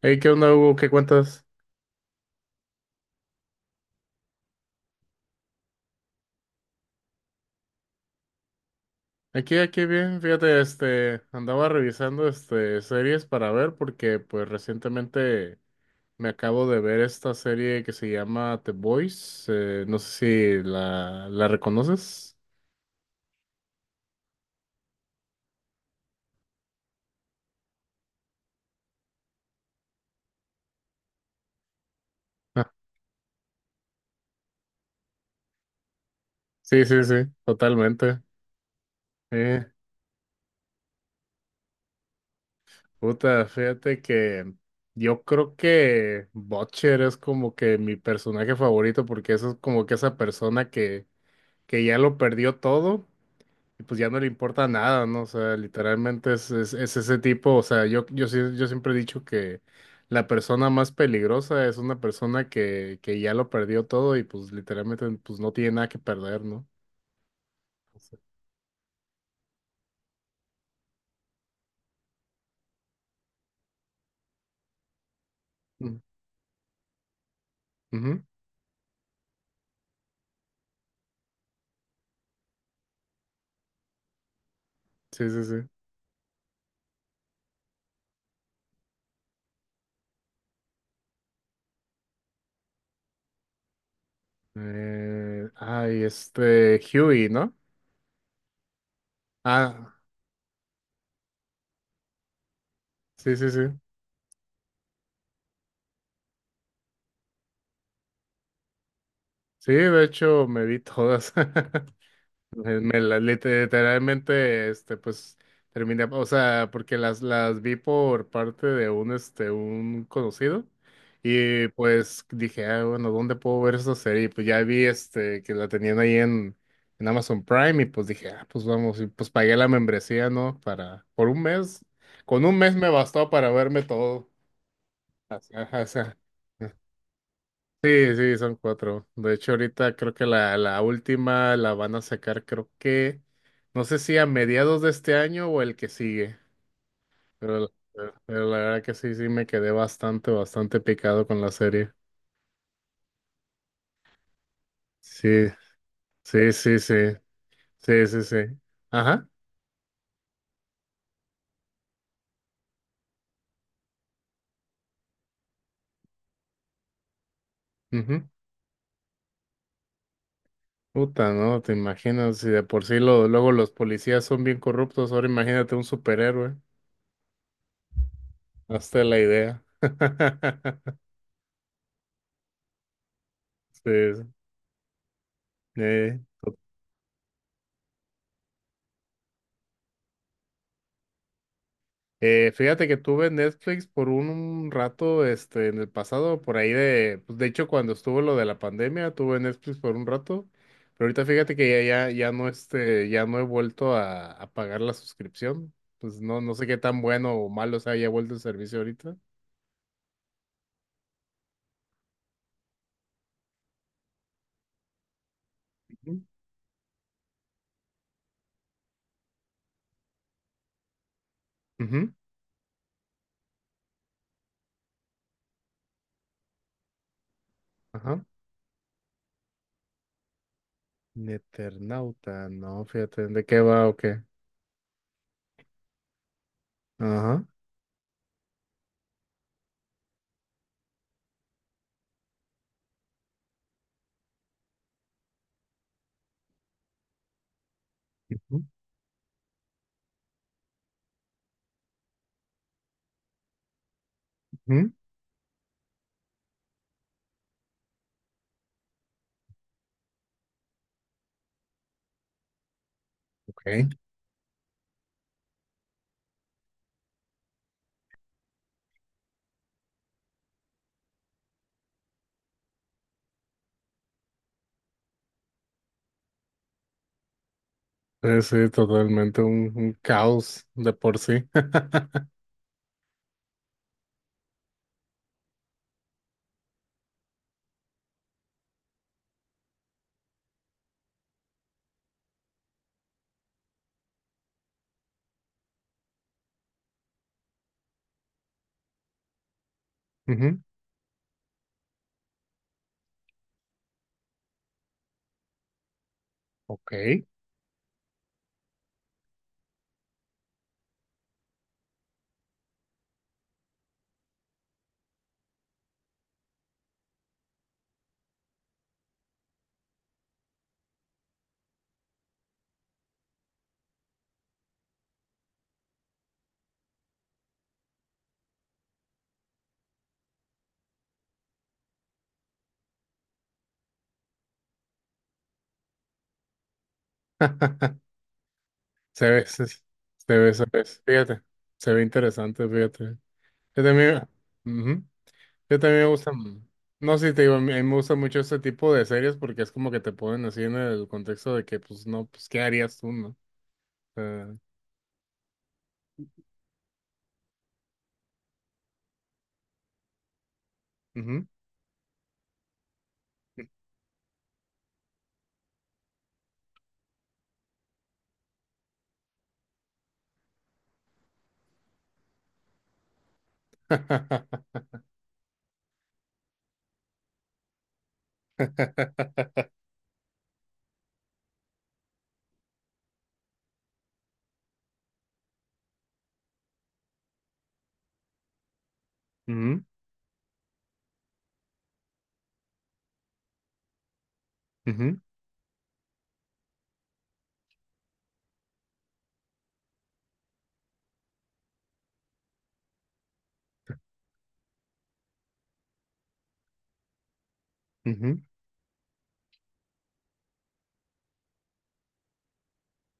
Hey, ¿qué onda, Hugo? ¿Qué cuentas? Aquí, aquí bien, fíjate, andaba revisando, series para ver porque, pues, recientemente me acabo de ver esta serie que se llama The Boys, no sé si la reconoces. Ah, sí, sí, sí, totalmente. Eh, puta, fíjate que yo creo que Butcher es como que mi personaje favorito porque eso es como que esa persona que ya lo perdió todo y pues ya no le importa nada, ¿no? O sea, literalmente es ese tipo, o sea, yo siempre he dicho que la persona más peligrosa es una persona que ya lo perdió todo y pues literalmente pues no tiene nada que perder, ¿no? Mm. Ujú. Sí, sí, sí. Ay, este, Huey, ¿no? Ah, sí, sí, sí. Sí, de hecho me vi todas. Literalmente, este, pues, terminé, o sea, porque las vi por parte de un conocido, y pues dije, ah, bueno, ¿dónde puedo ver esa serie? Y pues ya vi, este, que la tenían ahí en Amazon Prime, y pues dije, ah, pues vamos, y pues pagué la membresía, ¿no? Para, por un mes, con un mes me bastó para verme todo, o sea, o sea, sí, sí, son cuatro. De hecho, ahorita creo que la última la van a sacar, creo que no sé si a mediados de este año o el que sigue, pero, pero la verdad que sí, sí me quedé bastante, bastante picado con la serie. Sí, sí, sí, sí, sí, sí, sí. Ajá. Ujú. Puta, ¿no? Te imaginas, si de por sí lo, luego los policías son bien corruptos, ahora imagínate un superhéroe. Hazte la idea. Sí, sí, fíjate que tuve Netflix por un rato, este, en el pasado, por ahí de, pues de hecho cuando estuvo lo de la pandemia, tuve Netflix por un rato, pero ahorita fíjate que ya no, este, ya no he vuelto a pagar la suscripción, pues no, no sé qué tan bueno o malo se haya vuelto el servicio ahorita. Ujú. Ujú. Ajá. Neternauta, no, fíjate, ¿de qué va o qué? Ajá. Ujú, ujú, ok. Sí, sí, totalmente un caos de por sí. Ujú, ok. Se ve, se ve. Fíjate, se ve interesante, fíjate. Yo también, ujú, yo también me gusta, no sé, te digo, a mí me gusta mucho este tipo de series porque es como que te ponen así en el contexto de que, pues, no, pues, ¿qué harías tú, no? Eh, ujú. Ujú, ujú, ujú.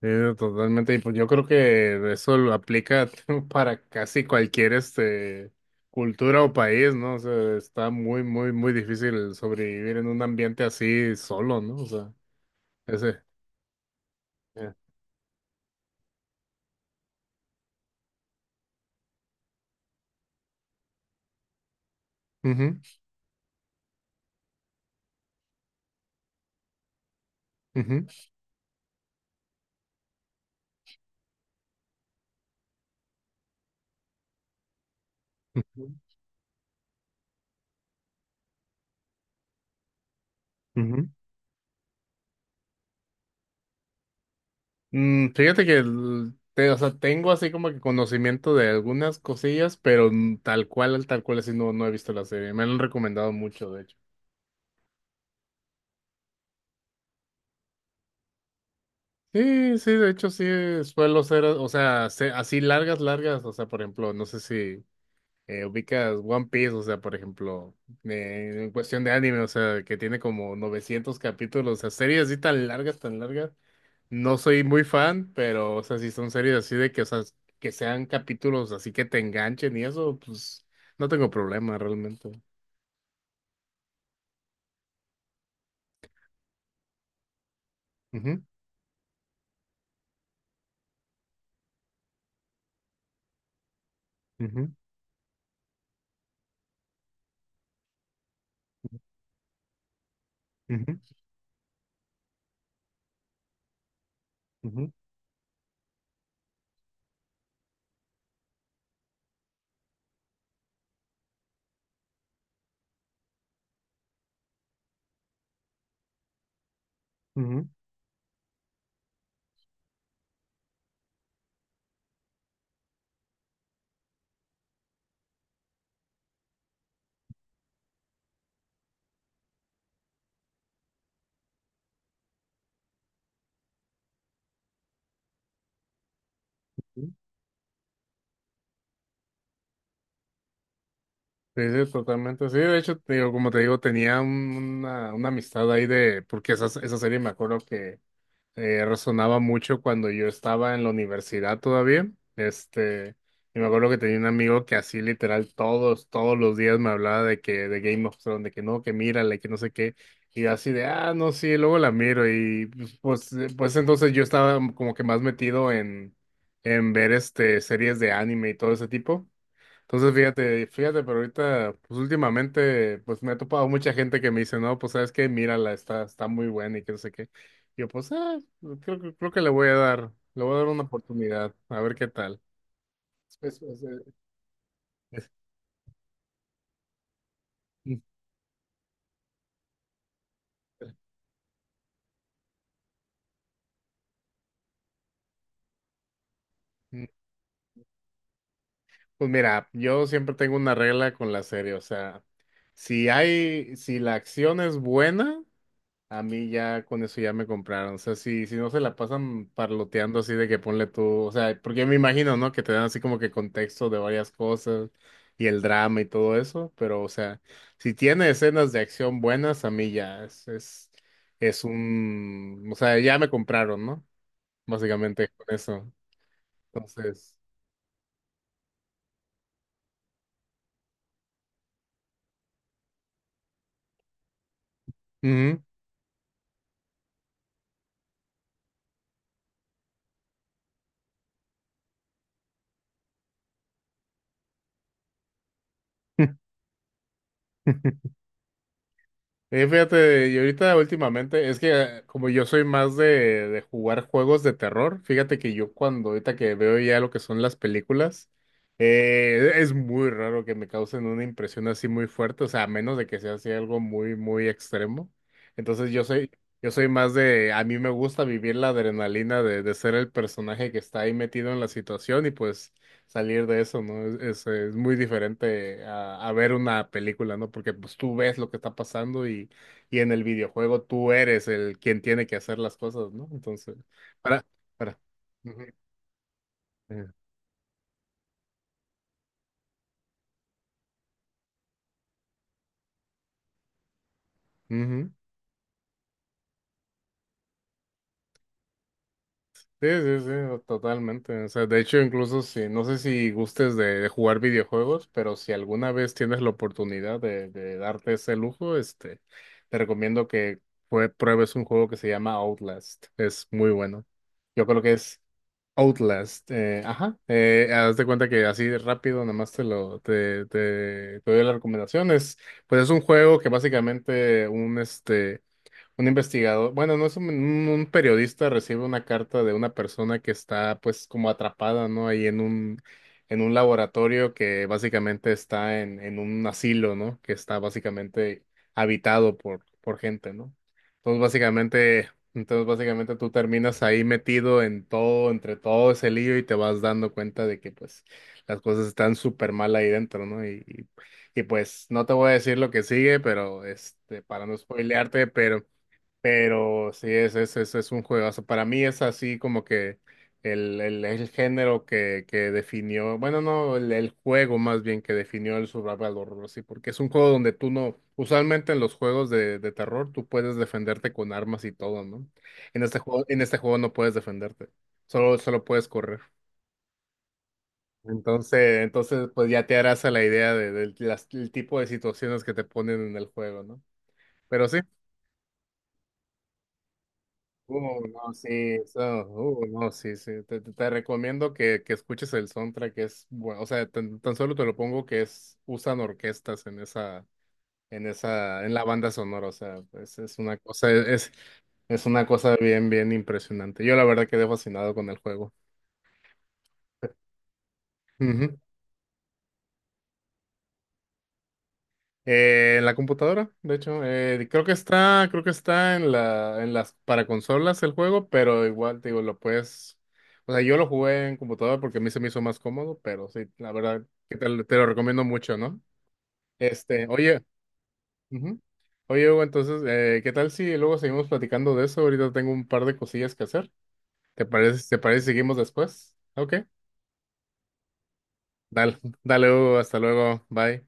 Sí, no, totalmente. Y pues yo creo que eso lo aplica para casi cualquier este cultura o país, ¿no? O sea, está muy, muy, muy difícil sobrevivir en un ambiente así solo, ¿no? O sea, ese. Eh. Ujú, ujú, ujú, ujú. Mm, fíjate o sea, tengo así como que conocimiento de algunas cosillas, pero mm, tal cual así no, no he visto la serie. Me la han recomendado mucho, de hecho. Sí, sí, de hecho sí suelo ser, o sea, así largas, largas, o sea, por ejemplo, no sé si ubicas One Piece, o sea, por ejemplo, en cuestión de anime, o sea, que tiene como 900 capítulos, o sea, series así tan largas, no soy muy fan, pero, o sea, si son series así de que, o sea, que sean capítulos así que te enganchen y eso, pues, no tengo problema realmente. Ujú, ujú, ujú, ujú, ujú, ujú. Sí, sí, totalmente. Sí, de hecho, te digo, como te digo, tenía una amistad ahí de, porque esa serie me acuerdo que resonaba mucho cuando yo estaba en la universidad todavía. Este, y me acuerdo que tenía un amigo que así literal todos los días me hablaba de que, de Game of Thrones, de que no, que mírale, que no sé qué. Y yo así de, ah, no, sí, luego la miro. Y pues entonces yo estaba como que más metido en ver este, series de anime y todo ese tipo. Entonces, fíjate, fíjate, pero ahorita, pues últimamente, pues me ha topado mucha gente que me dice, no, pues sabes qué, mírala, está, está muy buena y que no sé qué. Yo, pues, ah, creo que le voy a dar, le voy a dar una oportunidad, a ver qué tal. Es- es- es- es- Mm, mm. Pues mira, yo siempre tengo una regla con la serie, o sea, si la acción es buena, a mí ya con eso ya me compraron. O sea, si no se la pasan parloteando así de que ponle tú, o sea, porque me imagino, ¿no? Que te dan así como que contexto de varias cosas y el drama y todo eso, pero o sea, si tiene escenas de acción buenas, a mí ya es un, o sea, ya me compraron, ¿no? Básicamente con eso. Entonces, ujú. Fíjate, y ahorita últimamente, es que como yo soy más de jugar juegos de terror, fíjate que yo cuando ahorita que veo ya lo que son las películas, es muy raro que me causen una impresión así muy fuerte, o sea, a menos de que sea así algo muy, muy extremo. Entonces yo soy, yo soy más de, a mí me gusta vivir la adrenalina de ser el personaje que está ahí metido en la situación y pues salir de eso, ¿no? Es muy diferente a ver una película, ¿no? Porque pues tú ves lo que está pasando y en el videojuego tú eres el quien tiene que hacer las cosas, ¿no? Entonces, para, para. Ujú. Eh, ujú. Sí, sí, sí, totalmente. O sea, de hecho, incluso si, no sé si gustes de jugar videojuegos, pero si alguna vez tienes la oportunidad de darte ese lujo, este, te recomiendo que pruebes un juego que se llama Outlast. Es muy bueno. Yo creo que es, Outlast, ajá, haz de cuenta que así de rápido, nada más te lo, te doy las recomendaciones. Pues es un juego que básicamente un este un investigador, bueno, no es periodista recibe una carta de una persona que está pues como atrapada, ¿no? Ahí en en un laboratorio que básicamente está en un asilo, ¿no? Que está básicamente habitado por gente, ¿no? Entonces básicamente tú terminas ahí metido en todo, entre todo ese lío y te vas dando cuenta de que pues las cosas están súper mal ahí dentro, ¿no? Y pues no te voy a decir lo que sigue, pero este, para no spoilearte, pero sí, es un juegazo. Para mí es así como que el género que definió, bueno, no, el juego más bien que definió el survival horror, sí, porque es un juego donde tú no, usualmente en los juegos de terror tú puedes defenderte con armas y todo, ¿no? En este juego no puedes defenderte, solo puedes correr. Pues ya te harás a la idea de, el tipo de situaciones que te ponen en el juego, ¿no? Pero sí. Uh, no, sí, eso, no, sí, sí. Te recomiendo que escuches el soundtrack, es bueno, o sea, tan solo te lo pongo que es, usan orquestas en la banda sonora, o sea, pues es una cosa, es una cosa bien, bien impresionante. Yo la verdad quedé fascinado con el juego. En la computadora, de hecho, creo que está en las, para consolas el juego, pero igual, te digo, lo puedes, o sea, yo lo jugué en computadora porque a mí se me hizo más cómodo, pero sí, la verdad, que te lo recomiendo mucho, ¿no? Este, oye, ujú. Oye, Hugo, entonces, ¿qué tal si luego seguimos platicando de eso? Ahorita tengo un par de cosillas que hacer. Te parece si seguimos después? Ok, dale, dale, Hugo, hasta luego, bye.